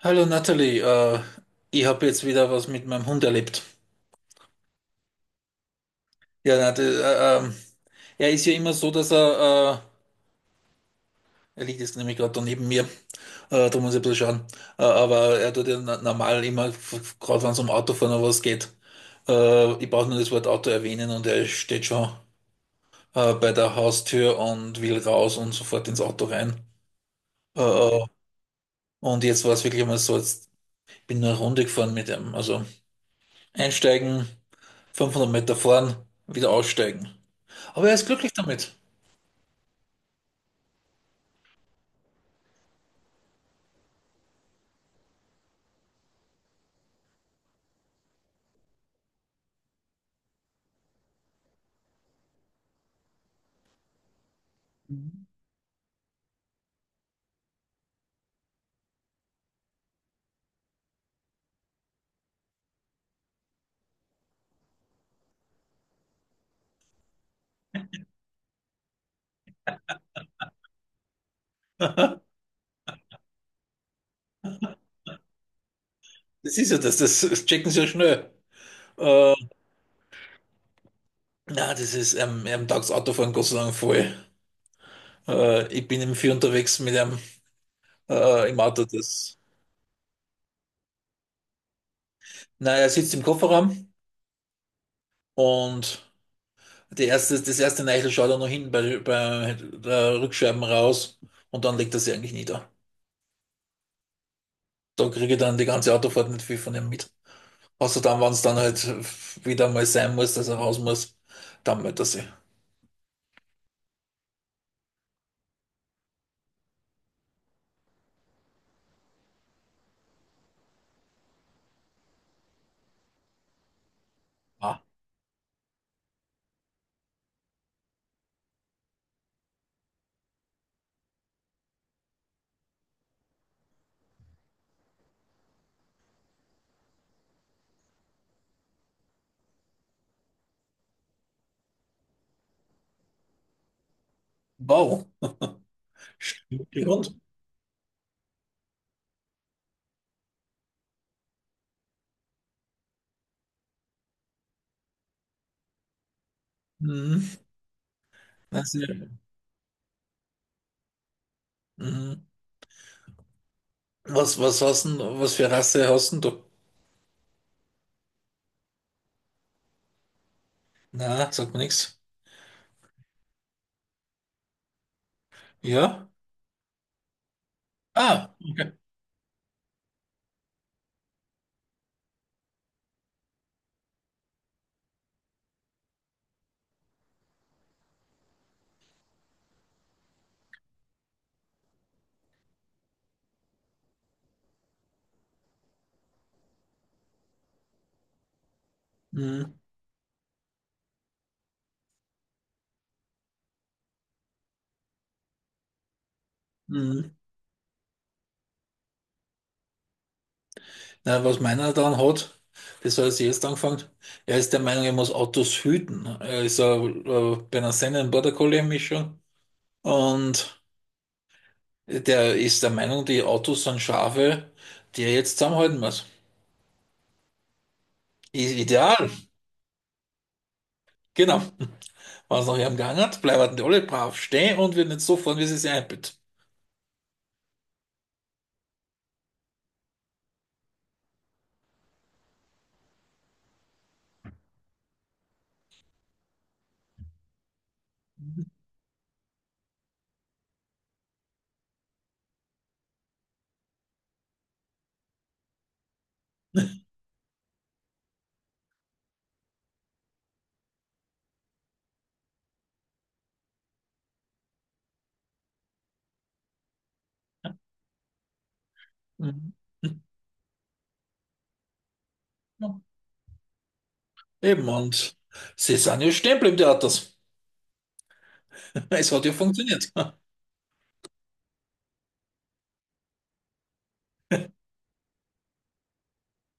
Hallo Natalie, ich habe jetzt wieder was mit meinem Hund erlebt. Ja, na, das, er ist ja immer so, dass er liegt jetzt nämlich gerade da neben mir, da muss ich ein bisschen schauen, aber er tut ja normal immer, gerade wenn es um Autofahren oder was geht, ich brauche nur das Wort Auto erwähnen und er steht schon bei der Haustür und will raus und sofort ins Auto rein. Äh, äh, und jetzt war es wirklich einmal so, jetzt bin ich nur eine Runde gefahren mit ihm, also einsteigen. 500 Meter fahren, wieder aussteigen. Aber er ist glücklich damit. Mhm. Das ist ja das checken sie ja schnell. Na, das ist, er taugt Autofahren Gott sei Dank voll. Ich bin im Vier unterwegs mit einem im Auto. Das, na, er sitzt im Kofferraum und das erste Neichel schaut er noch hinten bei der Rückscheiben raus und dann legt er sie eigentlich nieder. Da kriege ich dann die ganze Autofahrt nicht viel von ihm mit. Außer dann, wenn es dann halt wieder mal sein muss, dass er raus muss, dann meldet er sich. Ah, wow. Grund? Mhm. Also, mhm. Was, was hast denn, was für Rasse hast denn du? Na, sagt mir nichts. Ja? Ah, okay. Mhm. Mhm. Na, was meiner dann hat, das hat er jetzt angefangen. Er ist der Meinung, er muss Autos hüten. Er ist bei einer Sennen Border Collie Mischung und der ist der Meinung, die Autos sind Schafe, die er jetzt zusammenhalten muss. Ideal, genau. Was es nach ihm Gang hat, bleiben die alle brav stehen und wir nicht so fahren, wie sie sich einbilden. Mhm. Ja, eben, und sie sind ja stehen geblieben, die Autos. Es hat ja funktioniert.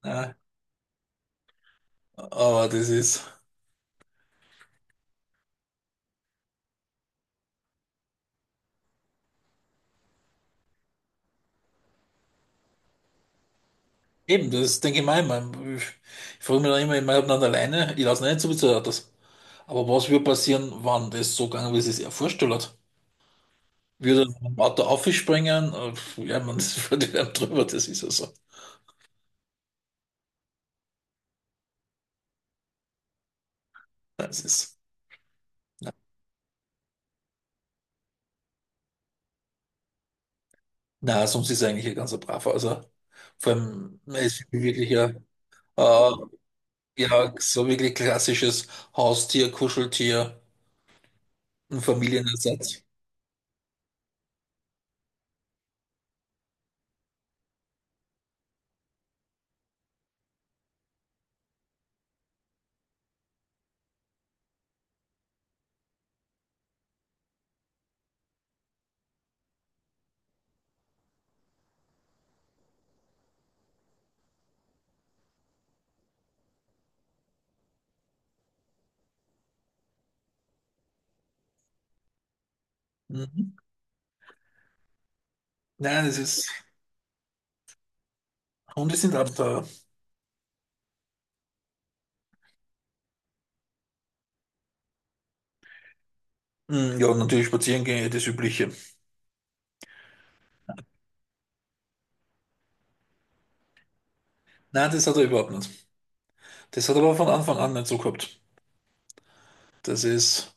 Ja, aber das ist eben, das denke ich mir immer. Ich frage mich dann immer, ich meine, ob nicht alleine, ich lasse nicht so viel zu den Autos. Aber was würde passieren, wenn das so gegangen wäre, wie sie es sich er vorgestellt hat? Würde ein Auto aufspringen? Ja, man das fährt einem drüber, das ist ja so. Das ist, na, sonst ist er eigentlich ein ganzer Braver. Also, vor allem, er ist wirklich ein äh, ja, so wirklich klassisches Haustier, Kuscheltier, ein Familienersatz. Mhm. Nein, das ist, Hunde sind Abenteuer. Mhm, ja, natürlich spazieren gehen, ja, das Übliche. Nein, das hat er überhaupt nicht. Das hat er aber von Anfang an nicht so gehabt. Das ist,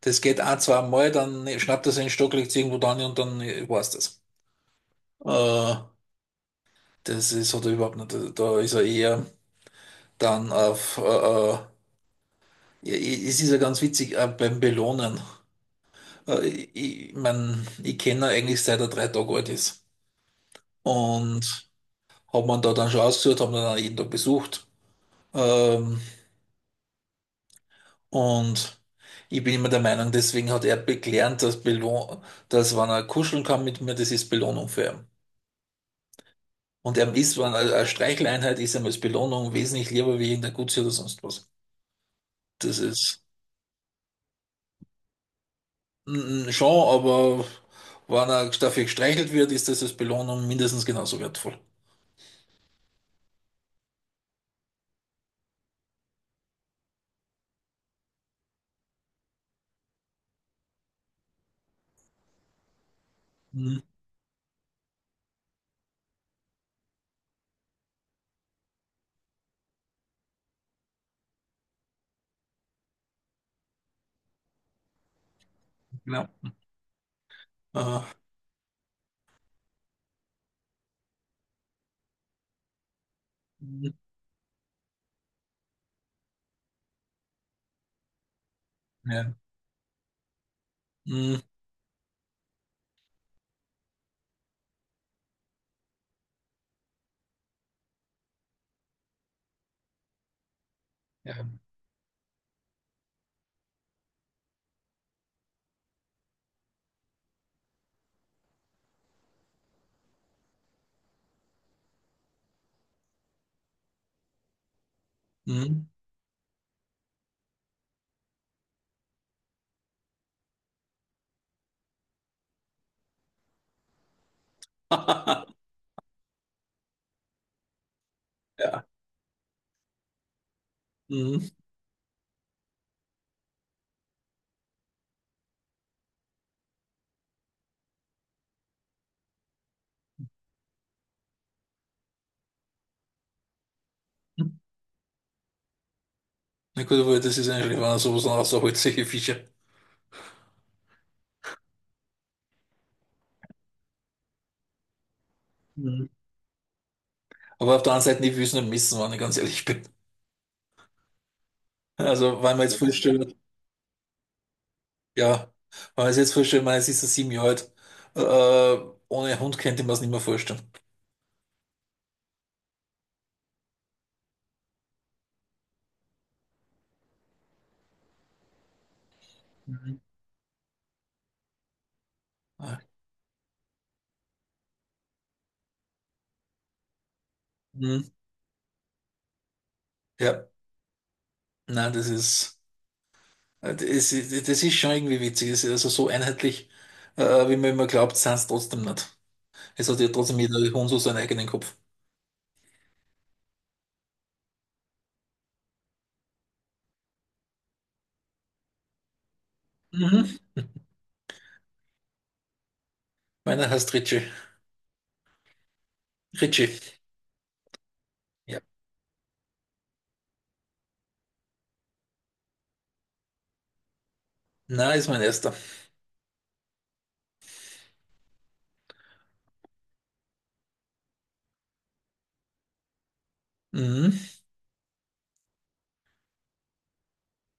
das geht ein, zwei Mal, dann schnappt er seinen Stock, legt es irgendwo dran und dann war's das. Äh, Das ist, hat er überhaupt nicht. Da ist er eher dann auf, ja, es ist ja ganz witzig, beim Belohnen. Ich mein, ich kenne ihn eigentlich seit er 3 Tage alt ist. Und hab man da dann schon ausgesucht, haben ihn dann jeden Tag besucht. Ähm, und ich bin immer der Meinung, deswegen hat er gelernt, dass wenn er kuscheln kann mit mir, das ist Belohnung für ihn. Und er ist, wenn er eine Streicheleinheit ist, ihm als Belohnung wesentlich lieber wie irgendein Gutsy oder sonst was. Das ist schon, aber wenn er dafür gestreichelt wird, ist das als Belohnung mindestens genauso wertvoll. Mhm, genau. Äh, mhm, ja. Mhm. Ja. Mhm. Ja. Mhm. Na gut, aber das ist eigentlich, wenn er sowas noch rausholt, solche Fische. Mhm. Aber auf der anderen Seite, ich will es nicht missen, wenn ich ganz ehrlich bin. Also, wenn man jetzt vorstellt, ja, wenn man es jetzt vorstellt, man, es ist ein 7 Jahre alt, ohne Hund könnte man es nicht mehr vorstellen. Mhm. Ah. Mhm. Ja, nein, das ist schon irgendwie witzig. Das ist also so einheitlich, wie man immer glaubt, sind es trotzdem nicht. Es hat ja trotzdem jeder Hund so seinen eigenen Kopf. Mhm. Meiner heißt Richie. Ritchie. Ja. Na, ist mein erster. Mhm.